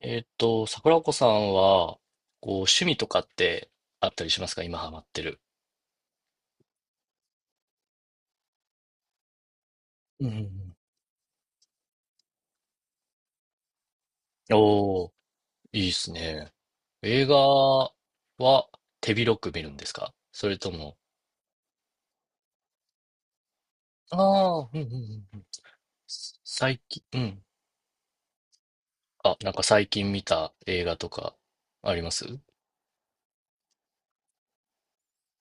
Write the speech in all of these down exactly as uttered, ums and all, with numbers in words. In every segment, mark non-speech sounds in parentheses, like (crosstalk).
えーっと、桜子さんは、こう、趣味とかってあったりしますか？今ハマってる。うんうんうん。おー、いいですね。映画は手広く見るんですか？それとも、ああ、うんうんうんうん。す最近、うん。あ、なんか最近見た映画とかあります？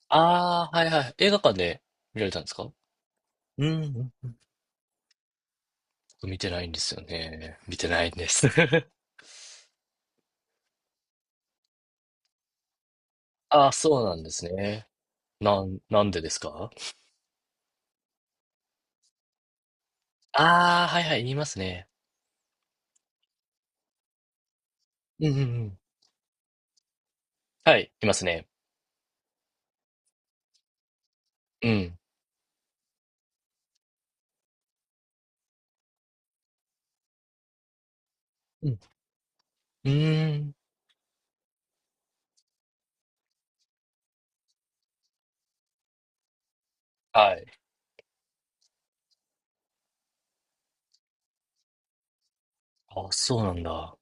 ああー、はいはい。映画館で見られたんですか？うんうん。僕見てないんですよね。見てないんです。(laughs) ああ、そうなんですね。なん、なんでですか？ああ、はいはい、言いますね。うんうんうん。はい、いますね。うん。うん。うーん。はい。あ、そうなんだ。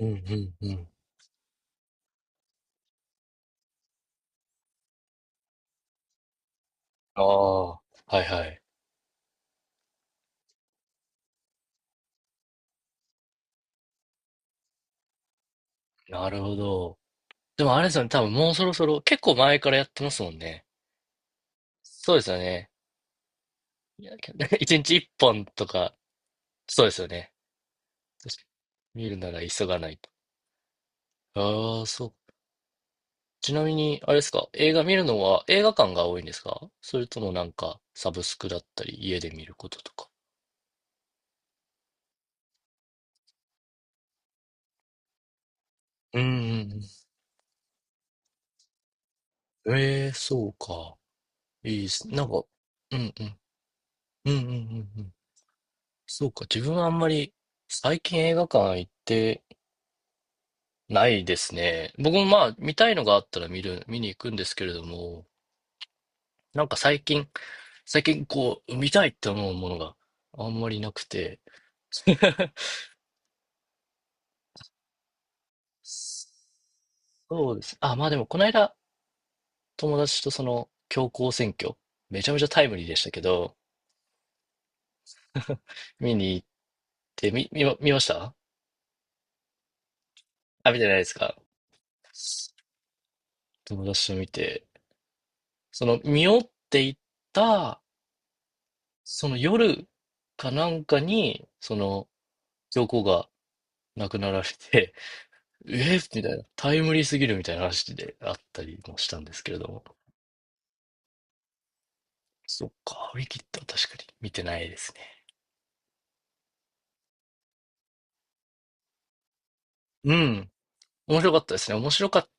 うんうんうん。ああ、はいはい。なるほど。でもあれですよね、多分もうそろそろ、結構前からやってますもんね。そうですよね。いや、け (laughs) いちにちいっぽんとか、そうですよね。確かに見るなら急がないと。ああ、そう。ちなみに、あれですか、映画見るのは映画館が多いんですか？それともなんか、サブスクだったり、家で見ることとか。うんうんうん。ええー、そうか。いいっす。なんか、うんうん。うんうんうんうん。そうか。自分はあんまり最近映画館行ってないですね。僕もまあ見たいのがあったら見る、見に行くんですけれども、なんか最近、最近こう見たいって思うものがあんまりなくて。(laughs) そうです。あ、まあでもこの間友達とその強行選挙、めちゃめちゃタイムリーでしたけど、見に行って、み、見ま、見ましたあ、見てないですか？友達と見て、その見よっていった、その夜かなんかに、その、教皇が亡くなられて、(laughs) えー、みたいな、タイムリーすぎるみたいな話であったりもしたんですけれども。そっか、ウィキッドは確かに見てないですね。うん。面白かったですね。面白かっ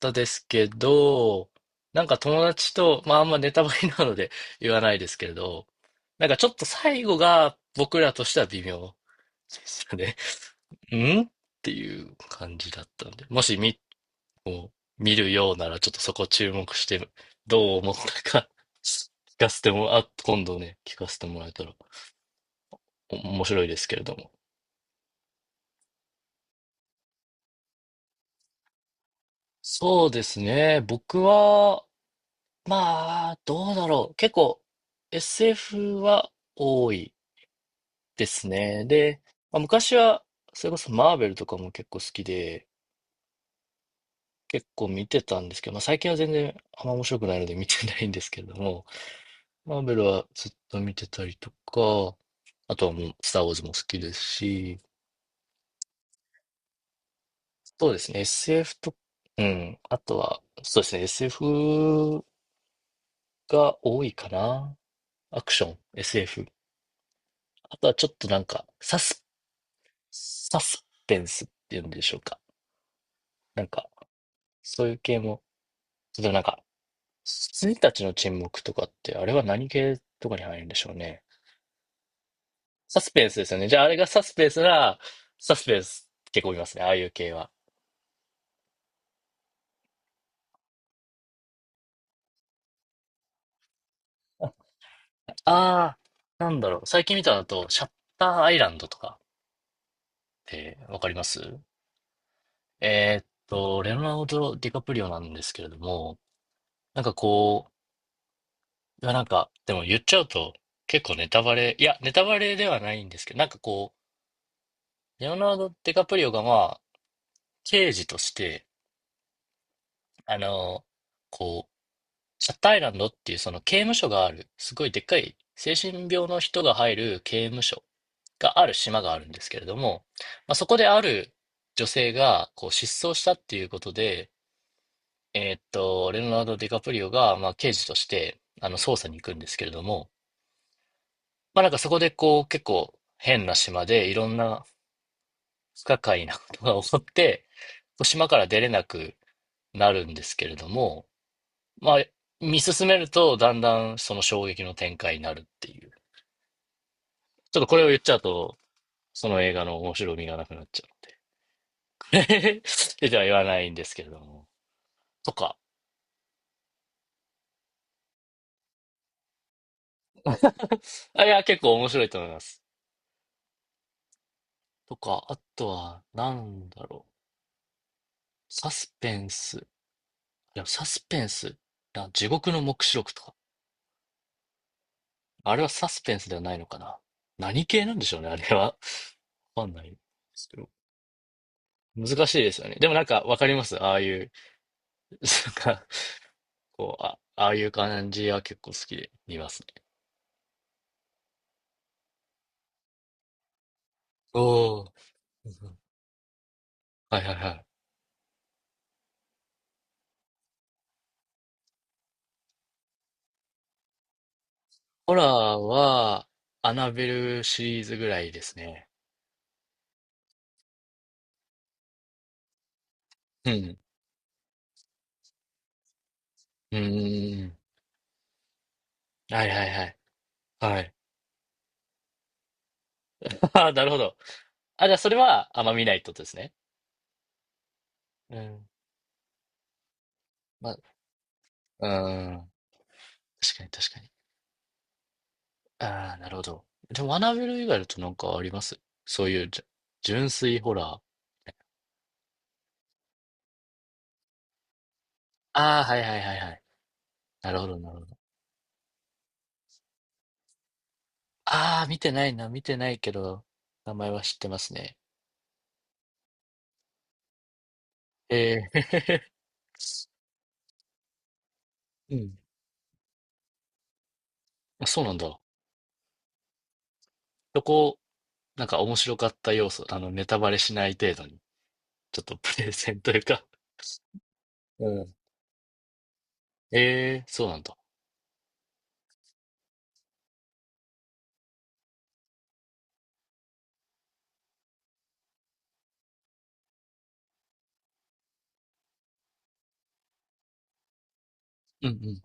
たですけど、なんか友達と、まああんまネタバレなので (laughs) 言わないですけれど、なんかちょっと最後が僕らとしては微妙。でしたね。んっていう感じだったんで、もし見、見るようならちょっとそこ注目して、どう思ったか (laughs) 聞かせても、あ、今度ね、聞かせてもらえたらお面白いですけれども。そうですね。僕は、まあ、どうだろう。結構 エスエフ は多いですね。で、まあ、昔は、それこそマーベルとかも結構好きで、結構見てたんですけど、まあ最近は全然あんま面白くないので見てないんですけれども、マーベルはずっと見てたりとか、あとはもう、スター・ウォーズも好きですし、そうですね、エスエフ と、うん、あとは、そうですね、エスエフ が多いかな。アクション、エスエフ。あとはちょっとなんか、サス、サスペンスっていうんでしょうか。なんか、そういう系も、例えばなんか、羊たちの沈黙とかって、あれは何系とかに入るんでしょうね。サスペンスですよね。じゃあ、あれがサスペンスなら、サスペンス結構見ますね、ああいう系は。ああ、なんだろう。最近見たのだと、シャッターアイランドとかってわかります？えーっと、レオナルド・ディカプリオなんですけれども、なんかこう、いやなんか、でも言っちゃうと結構ネタバレ、いや、ネタバレではないんですけど、なんかこう、レオナルド・ディカプリオがまあ、刑事として、あの、こう、シャッターアイランドっていうその刑務所がある、すごいでっかい精神病の人が入る刑務所がある島があるんですけれども、まあ、そこである女性がこう失踪したっていうことで、えーっと、レオナルド・ディカプリオが、まあ、刑事としてあの捜査に行くんですけれども、まあ、なんかそこでこう結構変な島でいろんな不可解なことが起こって、こう島から出れなくなるんですけれども、まあ、見進めると、だんだんその衝撃の展開になるっていう。ちょっとこれを言っちゃうと、その映画の面白みがなくなっちゃうので。(laughs) で、じゃあ言わないんですけれども。とか。あ、いや、結構面白いと思います。とか、あとは、なんだろう。サスペンス。いや、サスペンス。な地獄の黙示録とか。あれはサスペンスではないのかな。何系なんでしょうね、あれは。わかんないですけど。難しいですよね。でもなんかわかります。ああいう、なんかこう、あ、ああいう感じは結構好きで見ますね。おー。うん、はいはいはい。ホラーは、アナベルシリーズぐらいですね。うん。うんうんうんうん。はいはいはい。はい。(laughs) ああ、なるほど。あ、じゃあそれはあんま見ないってことですね。うん。まあ、うん。確かに確かに。ああ、なるほど。でも、アナベル以外だとなんかあります？そういうじゅ、純粋ホラー。ああ、はいはいはいはい。なるほどなるほど。ああ、見てないな、見てないけど、名前は知ってますね。えー、(laughs) うん。あそうなんだ。そこ、なんか面白かった要素、あの、ネタバレしない程度に、ちょっとプレゼンというか。うん。(laughs) ええー、そうなんだ。うんうん。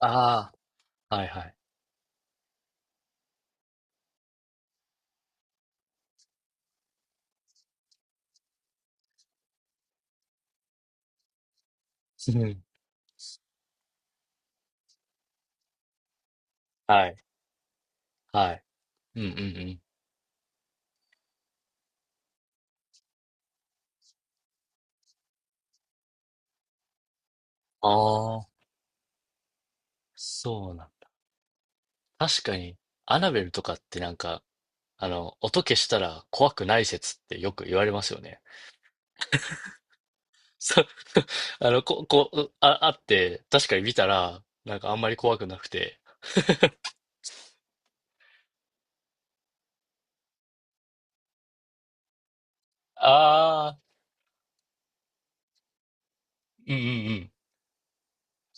ああ、はいはい。うん、はい、はい。うんうんうん。ああ、そうなんだ。確かに、アナベルとかってなんか、あの、音消したら怖くない説ってよく言われますよね。そう、(laughs) あの、こ、こう、あ、あって、確かに見たら、なんかあんまり怖くなくて。ああ、うんうんうん。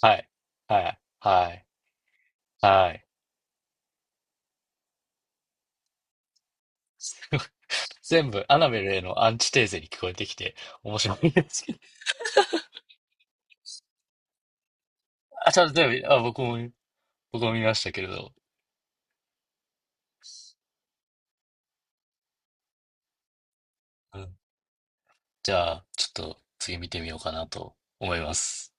はい。はい。はい。はい。(laughs) すごい全部、アナベルへのアンチテーゼに聞こえてきて、面白いですけど。(laughs) あ、ちゃんと全部、あ、僕も、僕も見ましたけれど。うん、じゃあ、ちょっと次見てみようかなと思います。